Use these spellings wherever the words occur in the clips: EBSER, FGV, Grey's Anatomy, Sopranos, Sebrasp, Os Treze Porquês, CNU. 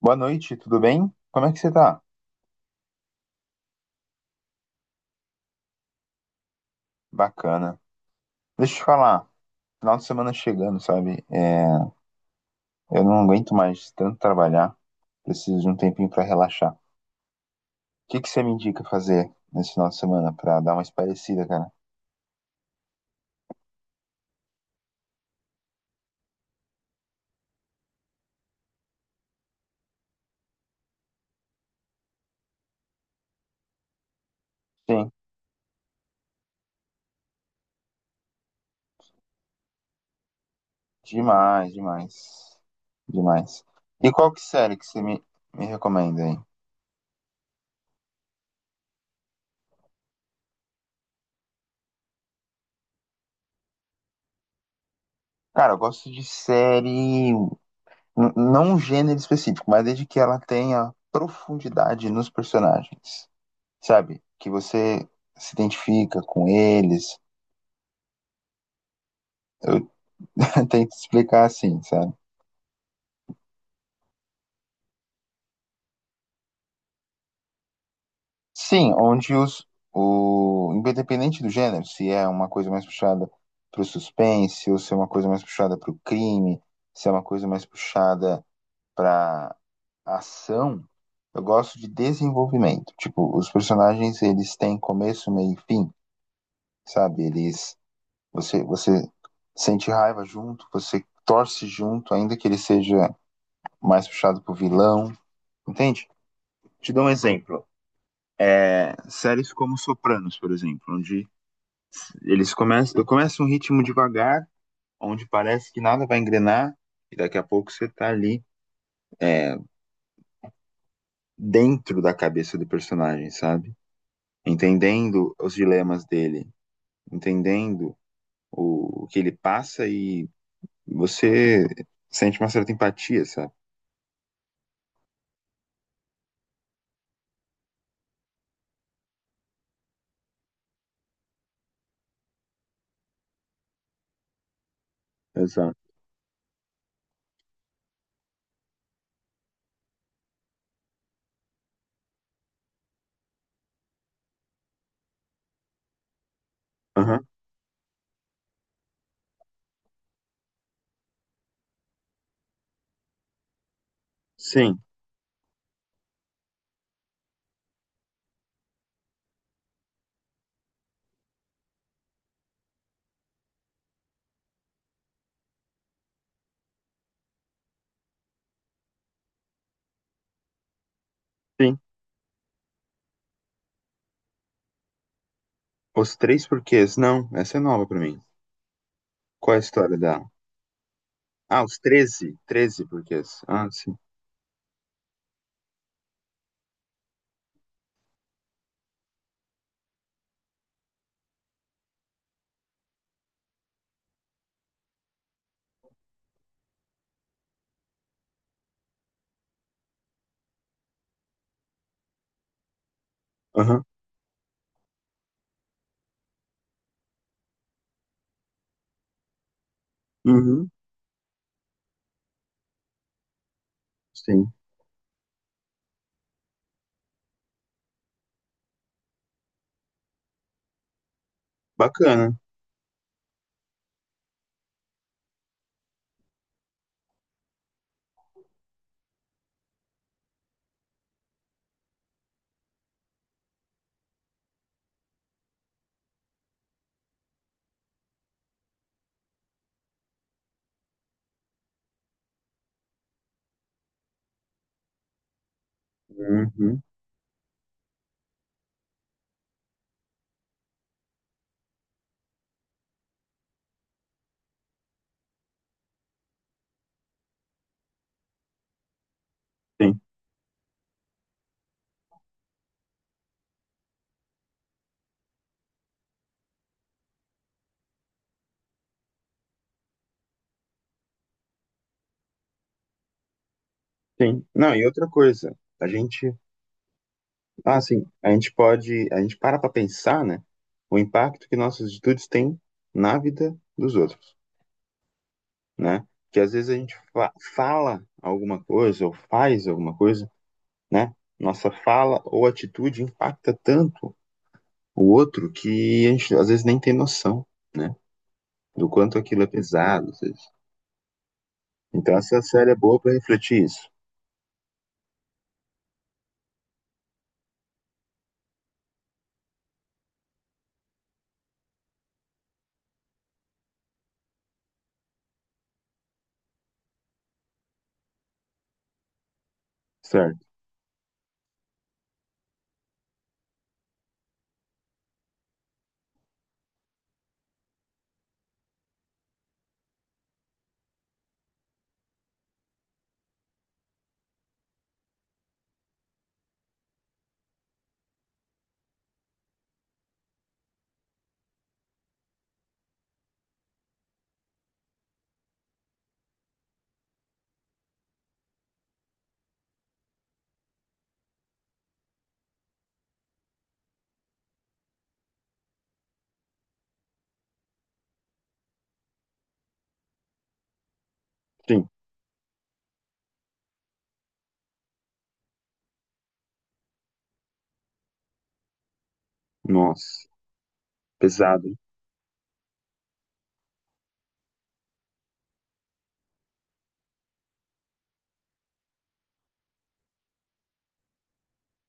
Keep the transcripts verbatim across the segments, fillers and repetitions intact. Boa noite, tudo bem? Como é que você tá? Bacana. Deixa eu te falar, final de semana chegando, sabe? É, eu não aguento mais tanto trabalhar, preciso de um tempinho pra relaxar. O que que você me indica fazer nesse final de semana pra dar uma espairecida, cara? Sim, demais, demais, demais. E qual que série que você me, me recomenda aí? Cara, eu gosto de série, n- não um gênero específico, mas desde que ela tenha profundidade nos personagens. Sabe? Que você se identifica com eles. Eu tento explicar assim, sabe? Sim, onde os, o independente do gênero, se é uma coisa mais puxada para o suspense, ou se é uma coisa mais puxada para o crime, se é uma coisa mais puxada para ação, eu gosto de desenvolvimento. Tipo, os personagens eles têm começo, meio e fim, sabe? Eles você você sente raiva junto, você torce junto, ainda que ele seja mais puxado pro vilão, entende? Te dou um exemplo. É, séries como Sopranos, por exemplo, onde eles começam, começa um ritmo devagar, onde parece que nada vai engrenar, e daqui a pouco você tá ali, é, dentro da cabeça do personagem, sabe? Entendendo os dilemas dele, entendendo o, o que ele passa e você sente uma certa empatia, sabe? Exato. Aham. Sim, sim. Os três porquês. Não, essa é nova pra mim. Qual é a história da... Ah, os treze, treze, porquês. Ah, sim. Aham. Uhum. Sim. Bacana. Uhum. Sim, sim. Não, e outra coisa, a gente, ah, sim, a gente pode, a gente para para pensar, né, o impacto que nossas atitudes têm na vida dos outros, né? Que às vezes a gente fa- fala alguma coisa ou faz alguma coisa, né? Nossa fala ou atitude impacta tanto o outro que a gente às vezes nem tem noção, né? Do quanto aquilo é pesado. Então essa série é boa para refletir isso, certo? Sim. Nossa, pesado, hein?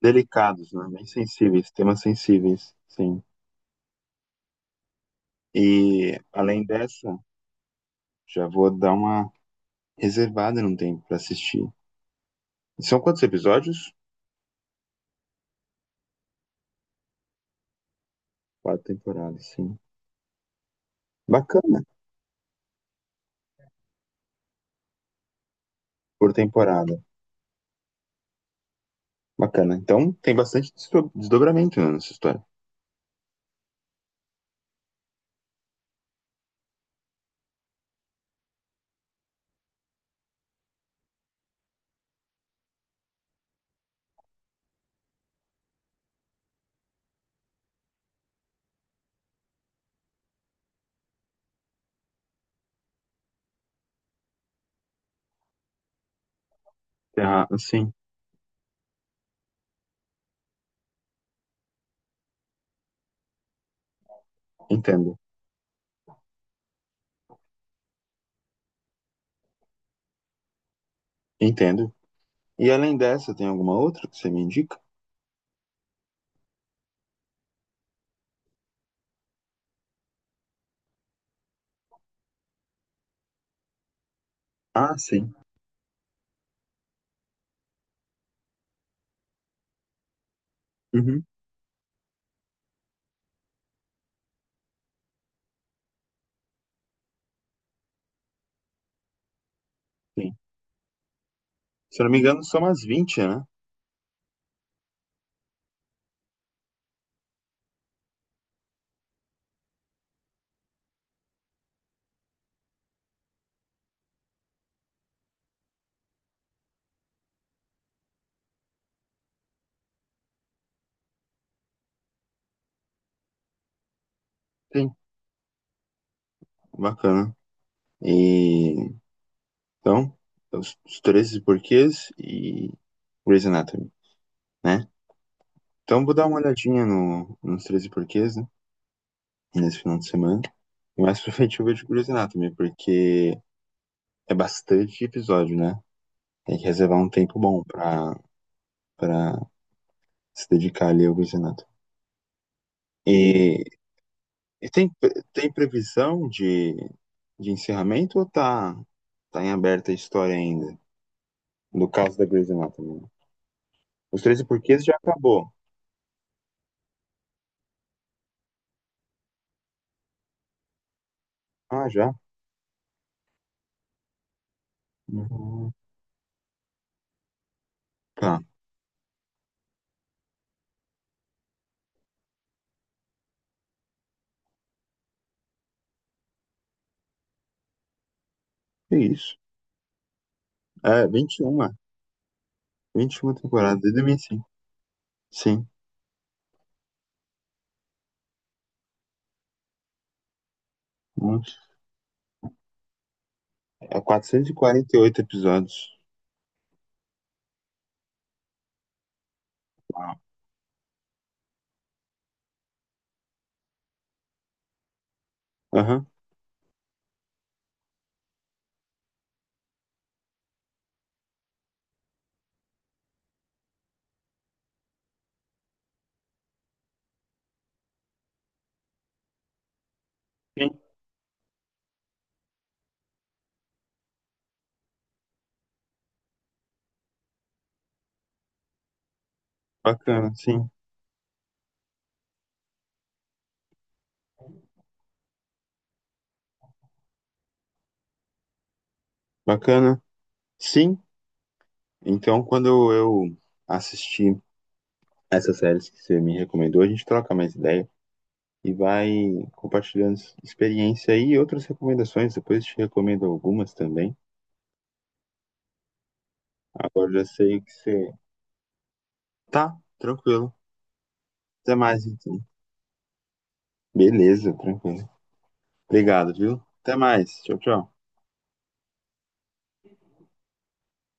Delicados, né? Bem sensíveis, temas sensíveis, sim. E além dessa, já vou dar uma reservada num tempo para assistir. São quantos episódios? Quatro temporadas, sim. Bacana, por temporada. Bacana. Então tem bastante desdo- desdobramento, né, nessa história. Ah, sim, entendo. Entendo. E além dessa, tem alguma outra que você me indica? Ah, sim. Uhum, sim. Se eu não me engano, são umas vinte, né? Sim, bacana. E então, os, os treze porquês e Grey's Anatomy, né? Então vou dar uma olhadinha no, nos treze porquês, né? Nesse final de semana. E mais pra frente eu vejo Grey's Anatomy, porque é bastante episódio, né? Tem que reservar um tempo bom pra, pra se dedicar ali ao Grey's Anatomy. E, e tem, pre- tem previsão de, de encerramento, ou tá, tá em aberta a história ainda? No caso da Grey's Anatomy. Os Treze porquês já acabou. Ah, já? Uhum. Tá. É isso? É, vinte e um, é. vinte e uma temporadas, desde dois mil e cinco. Sim. Sim. Nossa. É quatrocentos e quarenta e oito episódios. Uau. Aham. Sim. Bacana, sim. Bacana. Sim. Então, quando eu assistir essas séries que você me recomendou, a gente troca mais ideia e vai compartilhando experiência aí e outras recomendações. Depois eu te recomendo algumas também. Agora eu já sei que você. Tá, tranquilo. Até mais, então. Beleza, tranquilo. Obrigado, viu? Até mais. Tchau, tchau.